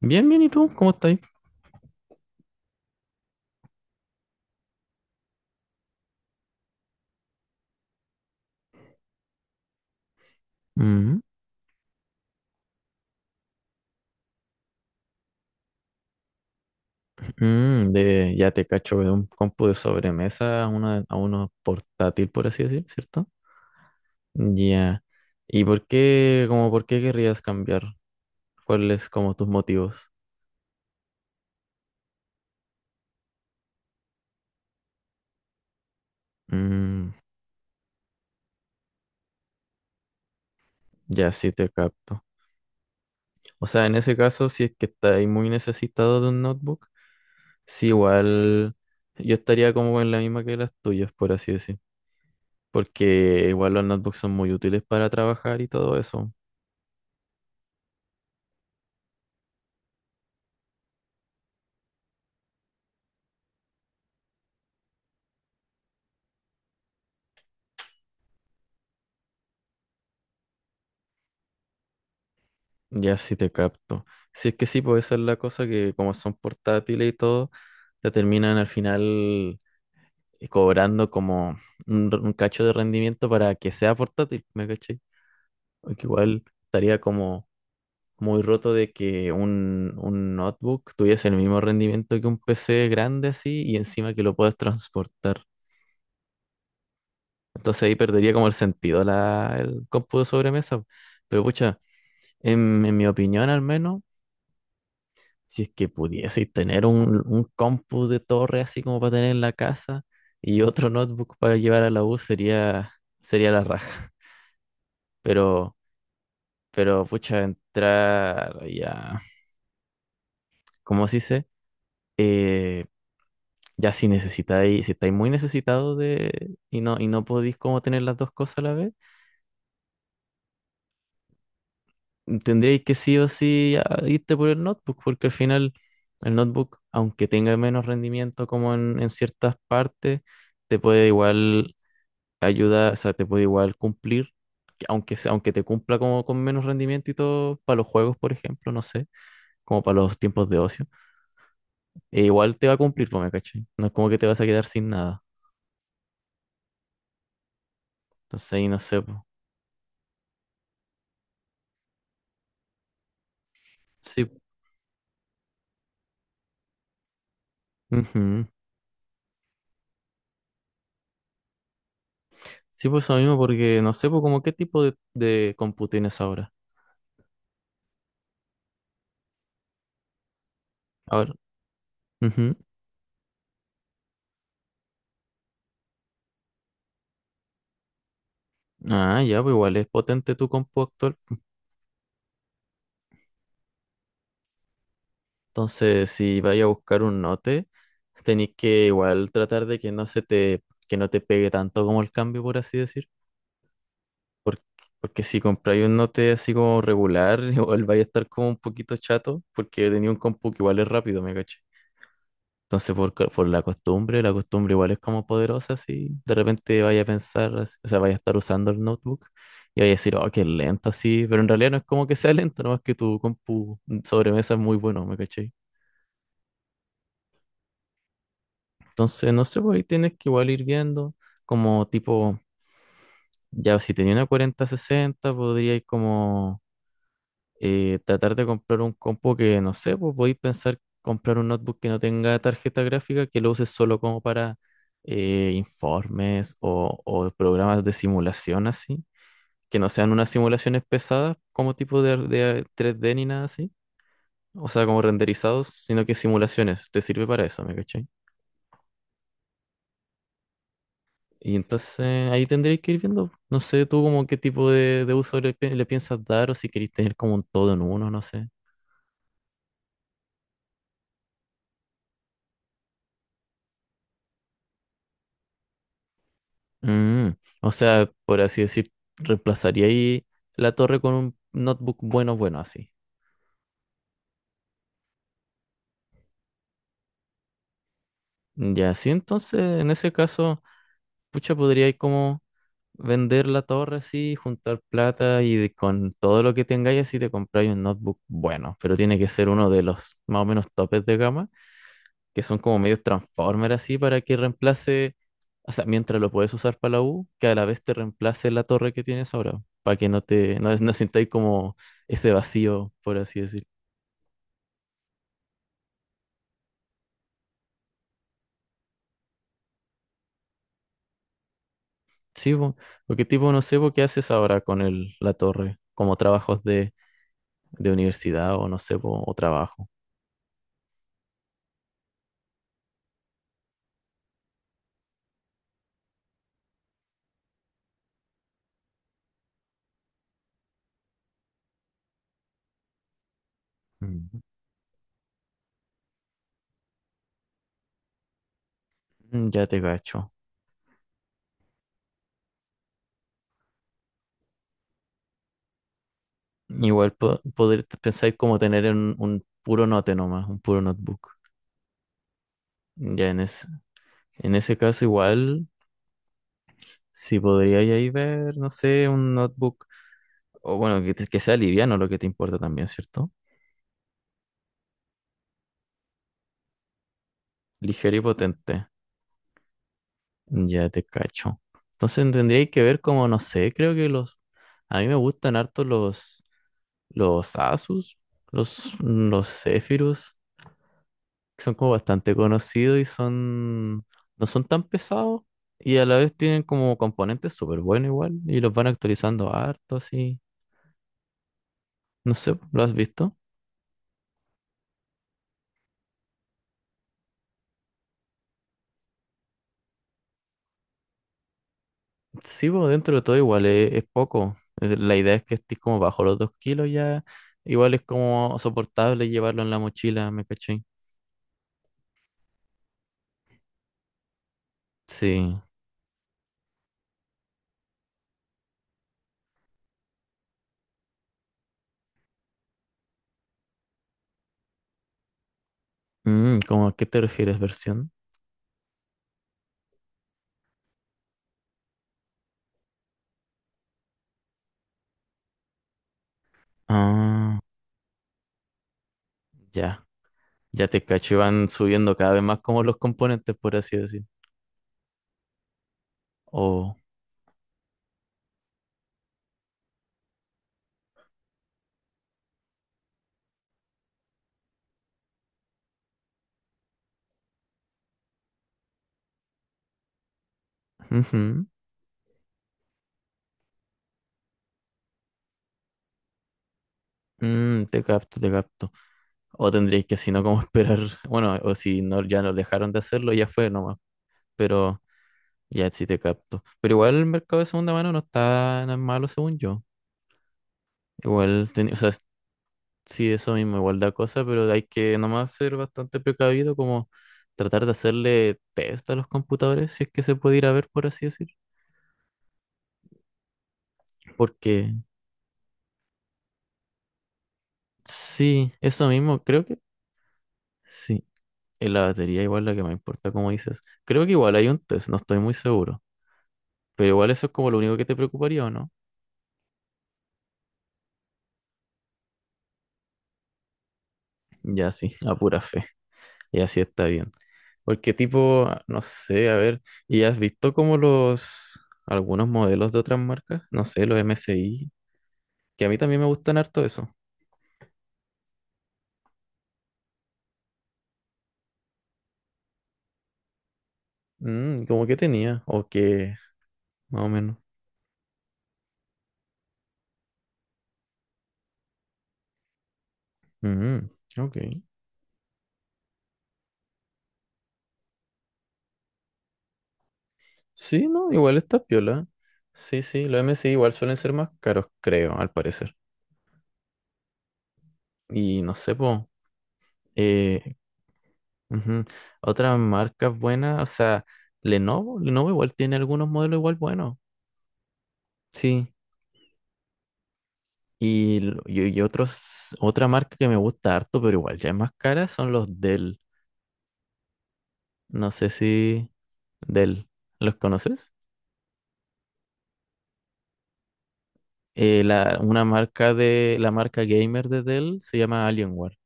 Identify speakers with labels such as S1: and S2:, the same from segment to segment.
S1: Bien, bien, ¿y tú? ¿Cómo estás? Mm, ya te cacho de un compu de sobremesa a una, a uno portátil, por así decir, ¿cierto? Ya. ¿Y por qué, como por qué querrías cambiar? ¿Cuáles como tus motivos? Mm, ya sí te capto. O sea, en ese caso, si es que estáis muy necesitado de un notebook, sí, igual yo estaría como en la misma que las tuyas, por así decir. Porque igual los notebooks son muy útiles para trabajar y todo eso. Ya sí te capto. Si es que sí, pues esa es la cosa que como son portátiles y todo, te terminan al final cobrando como un cacho de rendimiento para que sea portátil, ¿me caché? Porque igual estaría como muy roto de que un notebook tuviese el mismo rendimiento que un PC grande así y encima que lo puedas transportar. Entonces ahí perdería como el sentido el cómputo de sobremesa. Pero pucha, en mi opinión al menos. Si es que pudieseis tener un compu de torre así como para tener en la casa y otro notebook para llevar a la U sería, sería la raja. Pero, pero pucha, entrar ya, ¿cómo se dice? Eh, ya si necesitáis, si estáis muy necesitados de, y no podéis como tener las dos cosas a la vez, tendríais que sí o sí irte por el notebook, porque al final el notebook, aunque tenga menos rendimiento como en ciertas partes, te puede igual ayuda, o sea, te puede igual cumplir, que aunque te cumpla como con menos rendimiento y todo, para los juegos, por ejemplo, no sé, como para los tiempos de ocio, e igual te va a cumplir, pues, ¿me cachai? No es como que te vas a quedar sin nada. Entonces ahí no sé, pues. Sí, ujú. Sí, pues eso mismo, porque no sé, pues, como qué tipo de compu tienes ahora. Ahora, ujú. Ah, ya, pues igual es potente tu compu actual. Entonces, si vaya a buscar un note, tenéis que igual tratar de que no se te, que no te pegue tanto como el cambio, por así decir. Porque, porque si compráis un Note así como regular, igual vais a estar como un poquito chato, porque tenía un compu que igual es rápido, me caché. Entonces, por la costumbre igual es como poderosa, si de repente vaya a pensar, o sea, vaya a estar usando el notebook y vaya a decir, oh, qué lento, así. Pero en realidad no es como que sea lento, nomás que tu compu sobremesa es muy bueno, me caché. Entonces, no sé, pues ahí tienes que igual ir viendo, como tipo, ya si tenía una 4060, podría ir como. Tratar de comprar un compo que, no sé, pues podéis pensar comprar un notebook que no tenga tarjeta gráfica, que lo uses solo como para informes o programas de simulación así, que no sean unas simulaciones pesadas como tipo de tres d ni nada así, o sea, como renderizados, sino que simulaciones, te sirve para eso, ¿me cachai? Y entonces ahí tendréis que ir viendo, no sé tú como qué tipo de uso le piensas dar o si queréis tener como un todo en uno, no sé. Mm, o sea, por así decir, reemplazaría ahí la torre con un notebook bueno, bueno, así. Ya, sí, entonces, en ese caso, pucha, podría ir como vender la torre así, juntar plata y con todo lo que tengáis así te compráis un notebook bueno, pero tiene que ser uno de los más o menos topes de gama que son como medios transformers así para que reemplace, o sea, mientras lo puedes usar para la U, que a la vez te reemplace la torre que tienes ahora, para que no te, no, no sintáis como ese vacío, por así decir. Sí, po, porque tipo, no sé, po, ¿qué haces ahora con el, la torre? Como trabajos de universidad o no sé, po, o trabajo. Mm. Mm, ya te cacho. Igual poder pensar como tener un puro note nomás, un puro notebook. Ya en, es- en ese caso igual si podríais ahí ver, no sé, un notebook, o bueno, que sea liviano lo que te importa también, ¿cierto? Ligero y potente. Ya te cacho. Entonces tendríais que ver como, no sé, creo que los... A mí me gustan harto los Asus, los Zephyrus, que son como bastante conocidos y son... no son tan pesados y a la vez tienen como componentes súper buenos igual y los van actualizando harto así. No sé, ¿lo has visto? Sí, pues dentro de todo igual es poco. La idea es que estés como bajo los dos kilos ya. Igual es como soportable llevarlo en la mochila, ¿me caché? Sí. Mm, ¿cómo a qué te refieres, versión? Ah, ya. Ya te cacho, y van subiendo cada vez más como los componentes, por así decir. O, ujú. Mm, te capto, te capto. O tendríais que, si no, como esperar. Bueno, o si no, ya nos dejaron de hacerlo, ya fue nomás. Pero ya sí te capto. Pero igual el mercado de segunda mano no está tan malo, según yo. Igual, teni- o sea, es- Sí, eso mismo, igual da cosa, pero hay que nomás ser bastante precavido, como tratar de hacerle test a los computadores, si es que se puede ir a ver, por así decir. Porque sí, eso mismo, creo que sí. En la batería igual la que me importa, como dices. Creo que igual hay un test, no estoy muy seguro. Pero igual eso es como lo único que te preocuparía, ¿o no? Ya sí, a pura fe. Y así está bien. Porque tipo, no sé, a ver, ¿y has visto como los, algunos modelos de otras marcas? No sé, los MSI, que a mí también me gustan harto eso. Mm, como que tenía, o que, más o menos. Mm, ok. Sí, no, igual está piola. Sí, sí, los MSI igual suelen ser más caros, creo, al parecer. Y no sé, po, eh, ujú, otras marcas buenas, o sea, Lenovo, Lenovo igual tiene algunos modelos igual buenos. Sí. Y otros, otra marca que me gusta harto, pero igual ya es más cara, son los Dell. No sé si Dell, ¿los conoces? Una marca de, la marca gamer de Dell se llama Alienware.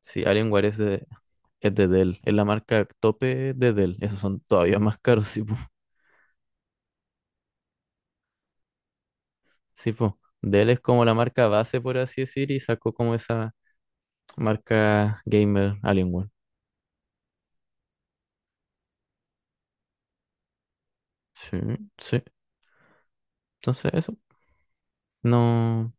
S1: Sí, Alienware es de Dell, es la marca tope de Dell. Esos son todavía más caros, sí, po. Sí, po. Dell es como la marca base, por así decir, y sacó como esa marca gamer Alienware. Sí, sí. Entonces eso. No.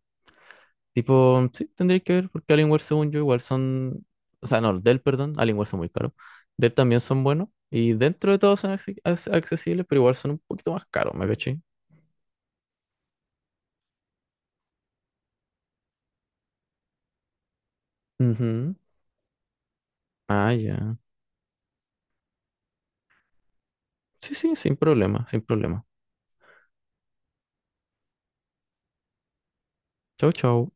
S1: Tipo, sí, tendréis que ver, porque Alienware, según yo, igual son. O sea, no, Dell, perdón, Alienware son muy caros. Dell también son buenos. Y dentro de todo son accesibles, pero igual son un poquito más caros, ¿me caché? Ujú. Ah, ya. Sí, sí, sin problema, sin problema. Chau, chau.